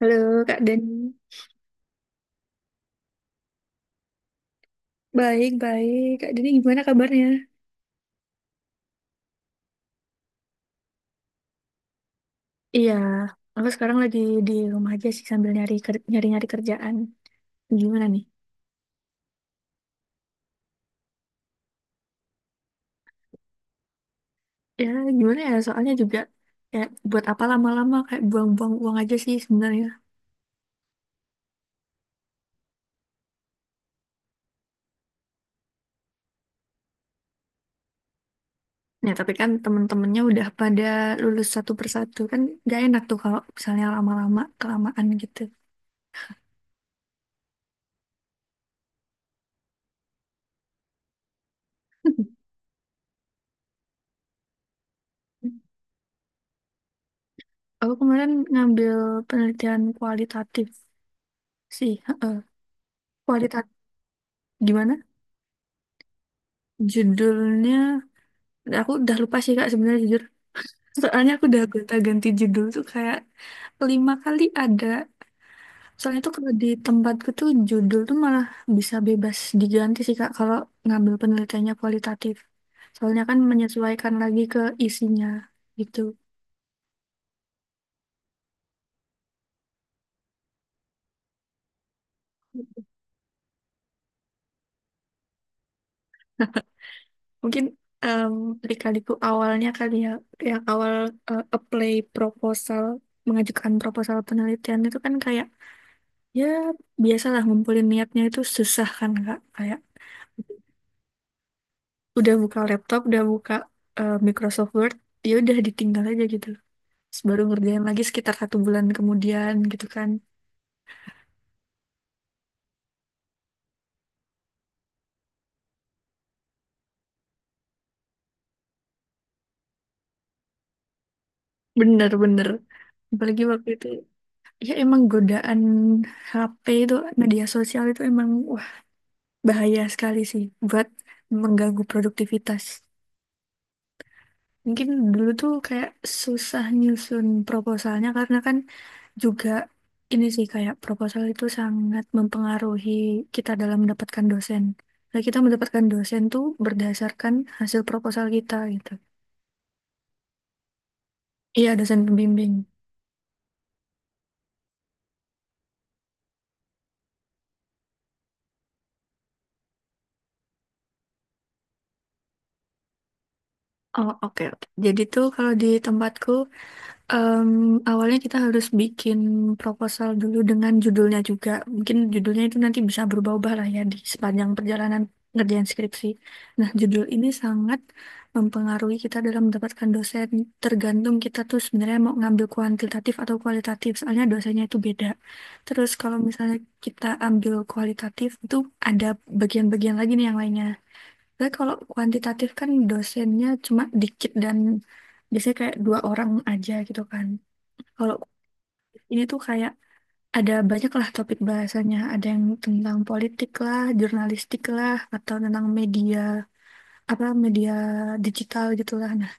Halo Kak Dani, baik-baik. Kak Dani gimana kabarnya? Iya, aku sekarang lagi di rumah aja sih sambil nyari-nyari kerjaan. Gimana nih? Ya, gimana ya? Soalnya juga kayak buat apa lama-lama, kayak buang-buang uang aja sih sebenarnya. Nah, tapi kan temen-temennya udah pada lulus satu persatu. Kan gak enak tuh kalau misalnya lama-lama kelamaan gitu. Aku kemarin ngambil penelitian kualitatif sih. Heeh. Kualitatif gimana? Judulnya Dan aku udah lupa sih Kak sebenarnya, jujur. Soalnya aku udah gonta-ganti judul tuh kayak lima kali ada. Soalnya tuh kalau di tempatku tuh judul tuh malah bisa bebas diganti sih Kak kalau ngambil penelitiannya kualitatif. Soalnya kan menyesuaikan lagi ke isinya gitu. Mungkin em adik-adikku awalnya kali ya, yang awal, eh, apply proposal, mengajukan proposal penelitian itu kan kayak, ya, biasalah, ngumpulin niatnya itu susah kan Kak, kayak udah buka laptop, udah buka, eh, Microsoft Word, ya udah ditinggal aja gitu. Terus baru ngerjain lagi sekitar satu bulan kemudian gitu kan. Bener-bener. Apalagi waktu itu, ya emang godaan HP itu, media sosial itu emang wah, bahaya sekali sih buat mengganggu produktivitas. Mungkin dulu tuh kayak susah nyusun proposalnya, karena kan juga ini sih kayak proposal itu sangat mempengaruhi kita dalam mendapatkan dosen. Nah, kita mendapatkan dosen tuh berdasarkan hasil proposal kita gitu. Iya, dosen pembimbing. Oh, oke, oke. Jadi tuh kalau di tempatku. Em, awalnya kita harus bikin proposal dulu dengan judulnya juga. Mungkin judulnya itu nanti bisa berubah-ubah lah ya di sepanjang perjalanan ngerjain skripsi. Nah, judul ini sangat mempengaruhi kita dalam mendapatkan dosen. Tergantung kita tuh sebenarnya mau ngambil kuantitatif atau kualitatif. Soalnya dosennya itu beda. Terus kalau misalnya kita ambil kualitatif itu ada bagian-bagian lagi nih yang lainnya. Tapi kalau kuantitatif kan dosennya cuma dikit dan biasanya kayak dua orang aja gitu kan. Kalau kuliah ini tuh kayak ada banyak lah topik bahasanya. Ada yang tentang politik lah, jurnalistik lah, atau tentang media, apa, media digital gitu. Nah,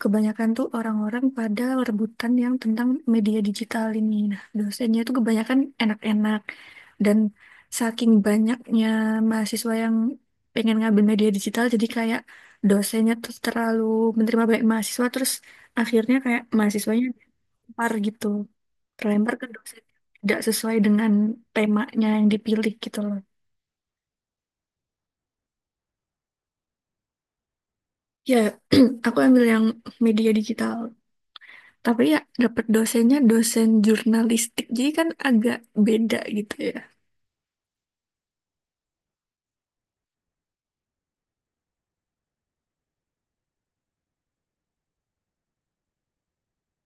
kebanyakan tuh orang-orang pada rebutan yang tentang media digital ini. Nah, dosennya tuh kebanyakan enak-enak. Dan saking banyaknya mahasiswa yang pengen ngambil media digital, jadi kayak dosennya tuh terlalu menerima banyak mahasiswa, terus akhirnya kayak mahasiswanya par gitu, terlempar ke dosen yang tidak sesuai dengan temanya yang dipilih gitu loh. Ya, aku ambil yang media digital. Tapi ya dapat dosennya dosen jurnalistik. Jadi kan agak beda gitu ya.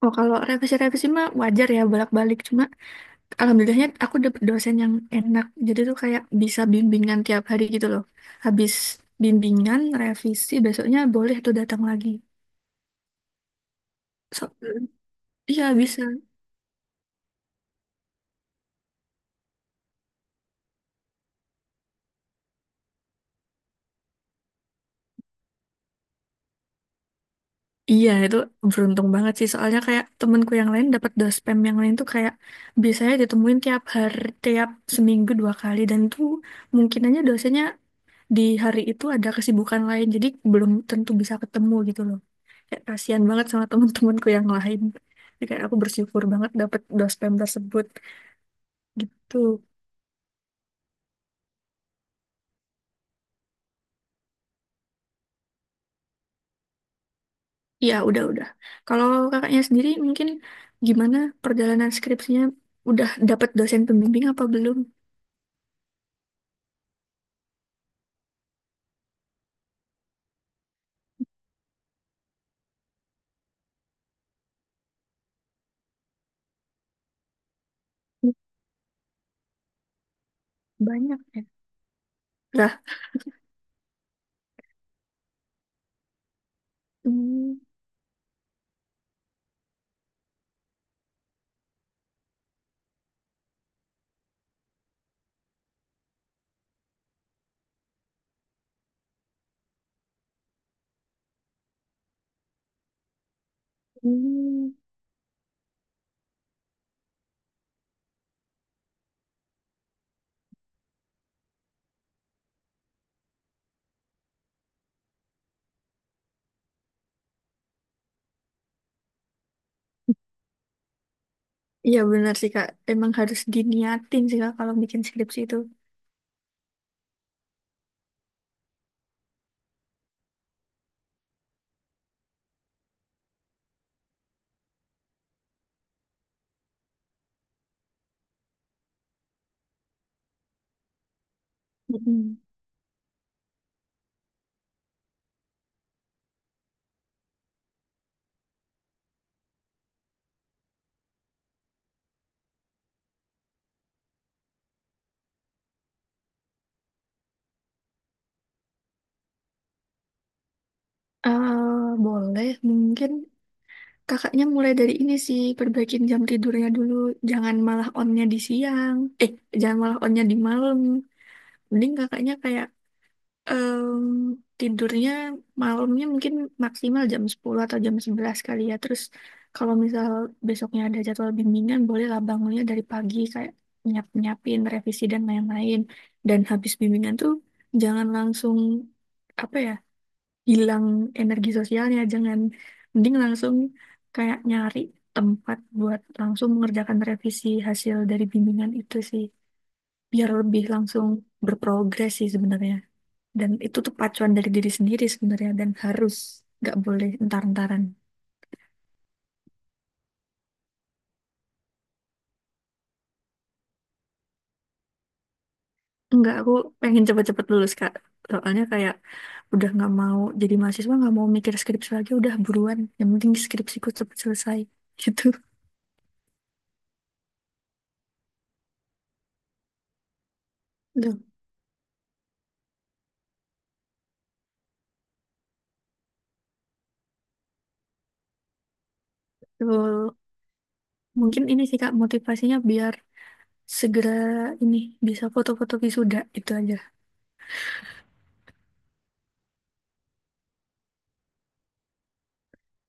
Oh, kalau revisi-revisi mah wajar ya bolak-balik. Cuma alhamdulillahnya aku dapat dosen yang enak. Jadi tuh kayak bisa bimbingan tiap hari gitu loh. Habis bimbingan, revisi, besoknya boleh tuh datang lagi. So, iya bisa. Iya, itu beruntung banget sih. Soalnya kayak temenku yang lain dapat dospem yang lain tuh kayak biasanya ditemuin tiap hari, tiap seminggu dua kali, dan tuh mungkin aja dosennya di hari itu ada kesibukan lain, jadi belum tentu bisa ketemu gitu loh. Kayak kasihan banget sama temen-temenku yang lain. Jadi kayak aku bersyukur banget dapat dospem tersebut gitu. Iya, udah-udah. Kalau kakaknya sendiri mungkin gimana perjalanan skripsinya? Udah dapat dosen pembimbing apa belum? Banyak ya. Hmm, hmm. Iya benar sih Kak, emang harus diniatin sih Kak kalau bikin skripsi itu. Mm-mm. Eh, boleh, mungkin kakaknya mulai dari ini sih, perbaikin jam tidurnya dulu. Jangan malah onnya di siang. Eh, jangan malah onnya di malam. Mending kakaknya kayak, Em, tidurnya, malamnya mungkin maksimal jam 10 atau jam 11 kali ya. Terus kalau misal besoknya ada jadwal bimbingan, bolehlah bangunnya dari pagi, kayak nyiap-nyiapin revisi dan lain-lain. Dan habis bimbingan tuh jangan langsung, apa ya, hilang energi sosialnya, jangan, mending langsung kayak nyari tempat buat langsung mengerjakan revisi hasil dari bimbingan itu sih. Biar lebih langsung berprogres sih sebenarnya. Dan itu tuh pacuan dari diri sendiri sebenarnya, dan harus, nggak boleh entar-entaran. Enggak, aku pengen cepet-cepet lulus Kak. Soalnya kayak udah nggak mau jadi mahasiswa, nggak mau mikir skripsi lagi, udah buruan. Yang penting skripsiku cepet selesai. Gitu. Betul. Mungkin ini sih Kak motivasinya biar segera ini bisa foto-foto wisuda itu aja.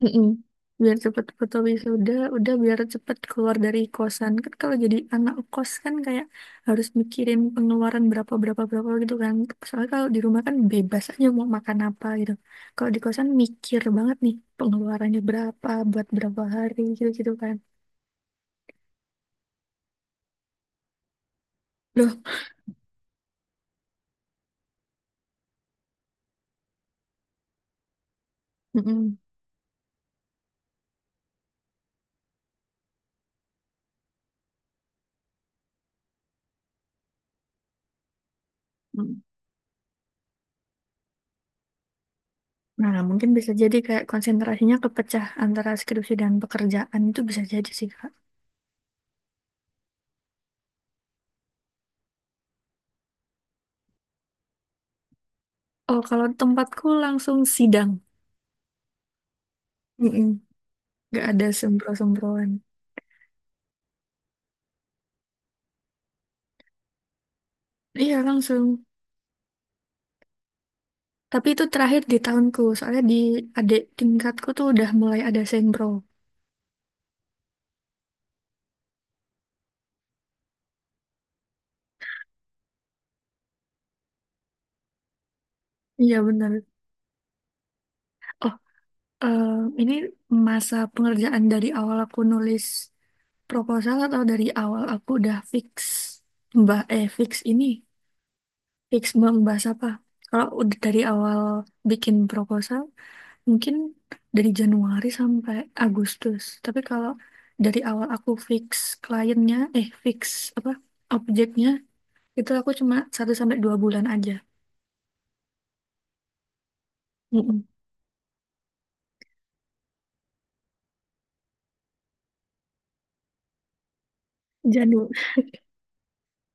Mm-mm. Biar cepet foto wisuda, udah biar cepet keluar dari kosan. Kan kalau jadi anak kos kan kayak harus mikirin pengeluaran, berapa, berapa, berapa gitu kan. Soalnya kalau di rumah kan bebas aja mau makan apa gitu. Kalau di kosan mikir banget nih pengeluarannya berapa buat berapa hari gitu-gitu kan. Loh, mm-mm. Mm. Nah, mungkin bisa jadi kayak konsentrasinya kepecah antara skripsi dan pekerjaan, itu bisa jadi sih, Kak. Oh, kalau tempatku langsung sidang. Mm-mm. Nggak ada sembro-sembroan. Iya langsung. Tapi itu terakhir di tahunku, soalnya di adik tingkatku tuh udah mulai ada sempro. Iya benar. Oh, eh, ini masa pengerjaan dari awal aku nulis proposal atau dari awal aku udah fix, mbak, eh, fix ini, fix mau membahas apa? Kalau udah dari awal bikin proposal mungkin dari Januari sampai Agustus. Tapi kalau dari awal aku fix kliennya, eh, fix, apa, objeknya, itu aku cuma 1 sampai 2 bulan aja. Mm-mm. Janu-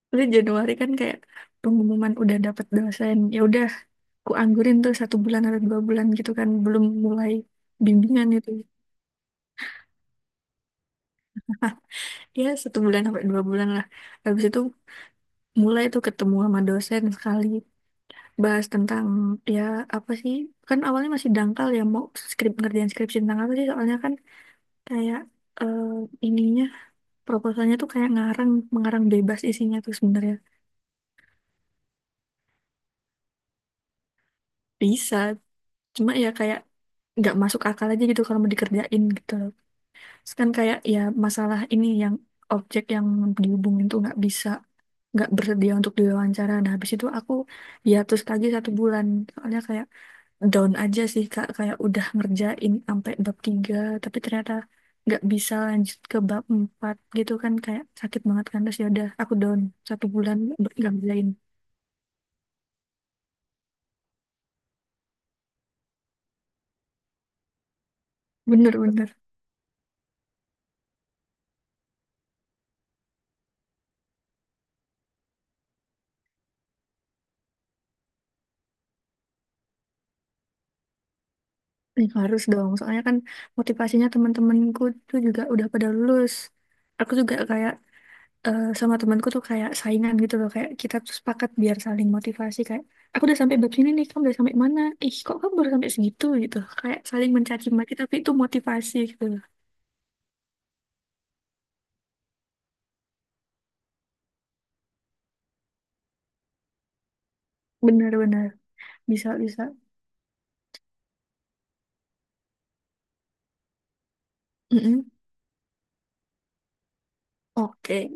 Terus Januari kan kayak pengumuman udah dapet dosen. Ya udah, ku anggurin tuh satu bulan atau 2 bulan gitu kan, belum mulai bimbingan itu. Ya satu bulan sampai 2 bulan lah. Habis itu mulai tuh ketemu sama dosen sekali, bahas tentang, ya, apa sih, kan awalnya masih dangkal ya, mau ngerjain skripsi tentang apa sih. Soalnya kan kayak, eh, ininya, proposalnya tuh kayak ngarang mengarang bebas isinya tuh sebenarnya. Bisa, cuma ya kayak nggak masuk akal aja gitu kalau mau dikerjain gitu loh. Terus kan kayak ya, masalah ini, yang objek yang dihubungin tuh nggak bisa, nggak bersedia untuk diwawancara. Nah, habis itu aku hiatus lagi satu bulan, soalnya kayak down aja sih Kak, kayak udah ngerjain sampai bab tiga tapi ternyata nggak bisa lanjut ke bab empat gitu kan, kayak sakit banget kan. Terus ya udah aku down satu bulan nggak ngerjain. Bener-bener nih, harus dong, soalnya kan motivasinya teman-temanku tuh juga udah pada lulus. Aku juga kayak, eh, sama temanku tuh kayak saingan gitu loh, kayak kita tuh sepakat biar saling motivasi, kayak aku udah sampai bab sini nih, kamu udah sampai mana? Ih, kok kamu baru sampai segitu gitu. Kayak saling mencaci maki tapi itu motivasi gitu loh. Benar-benar bisa, bisa. Mm-mm. Oke.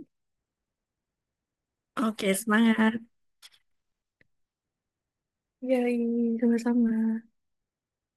Oke, semangat. Yay, sama-sama.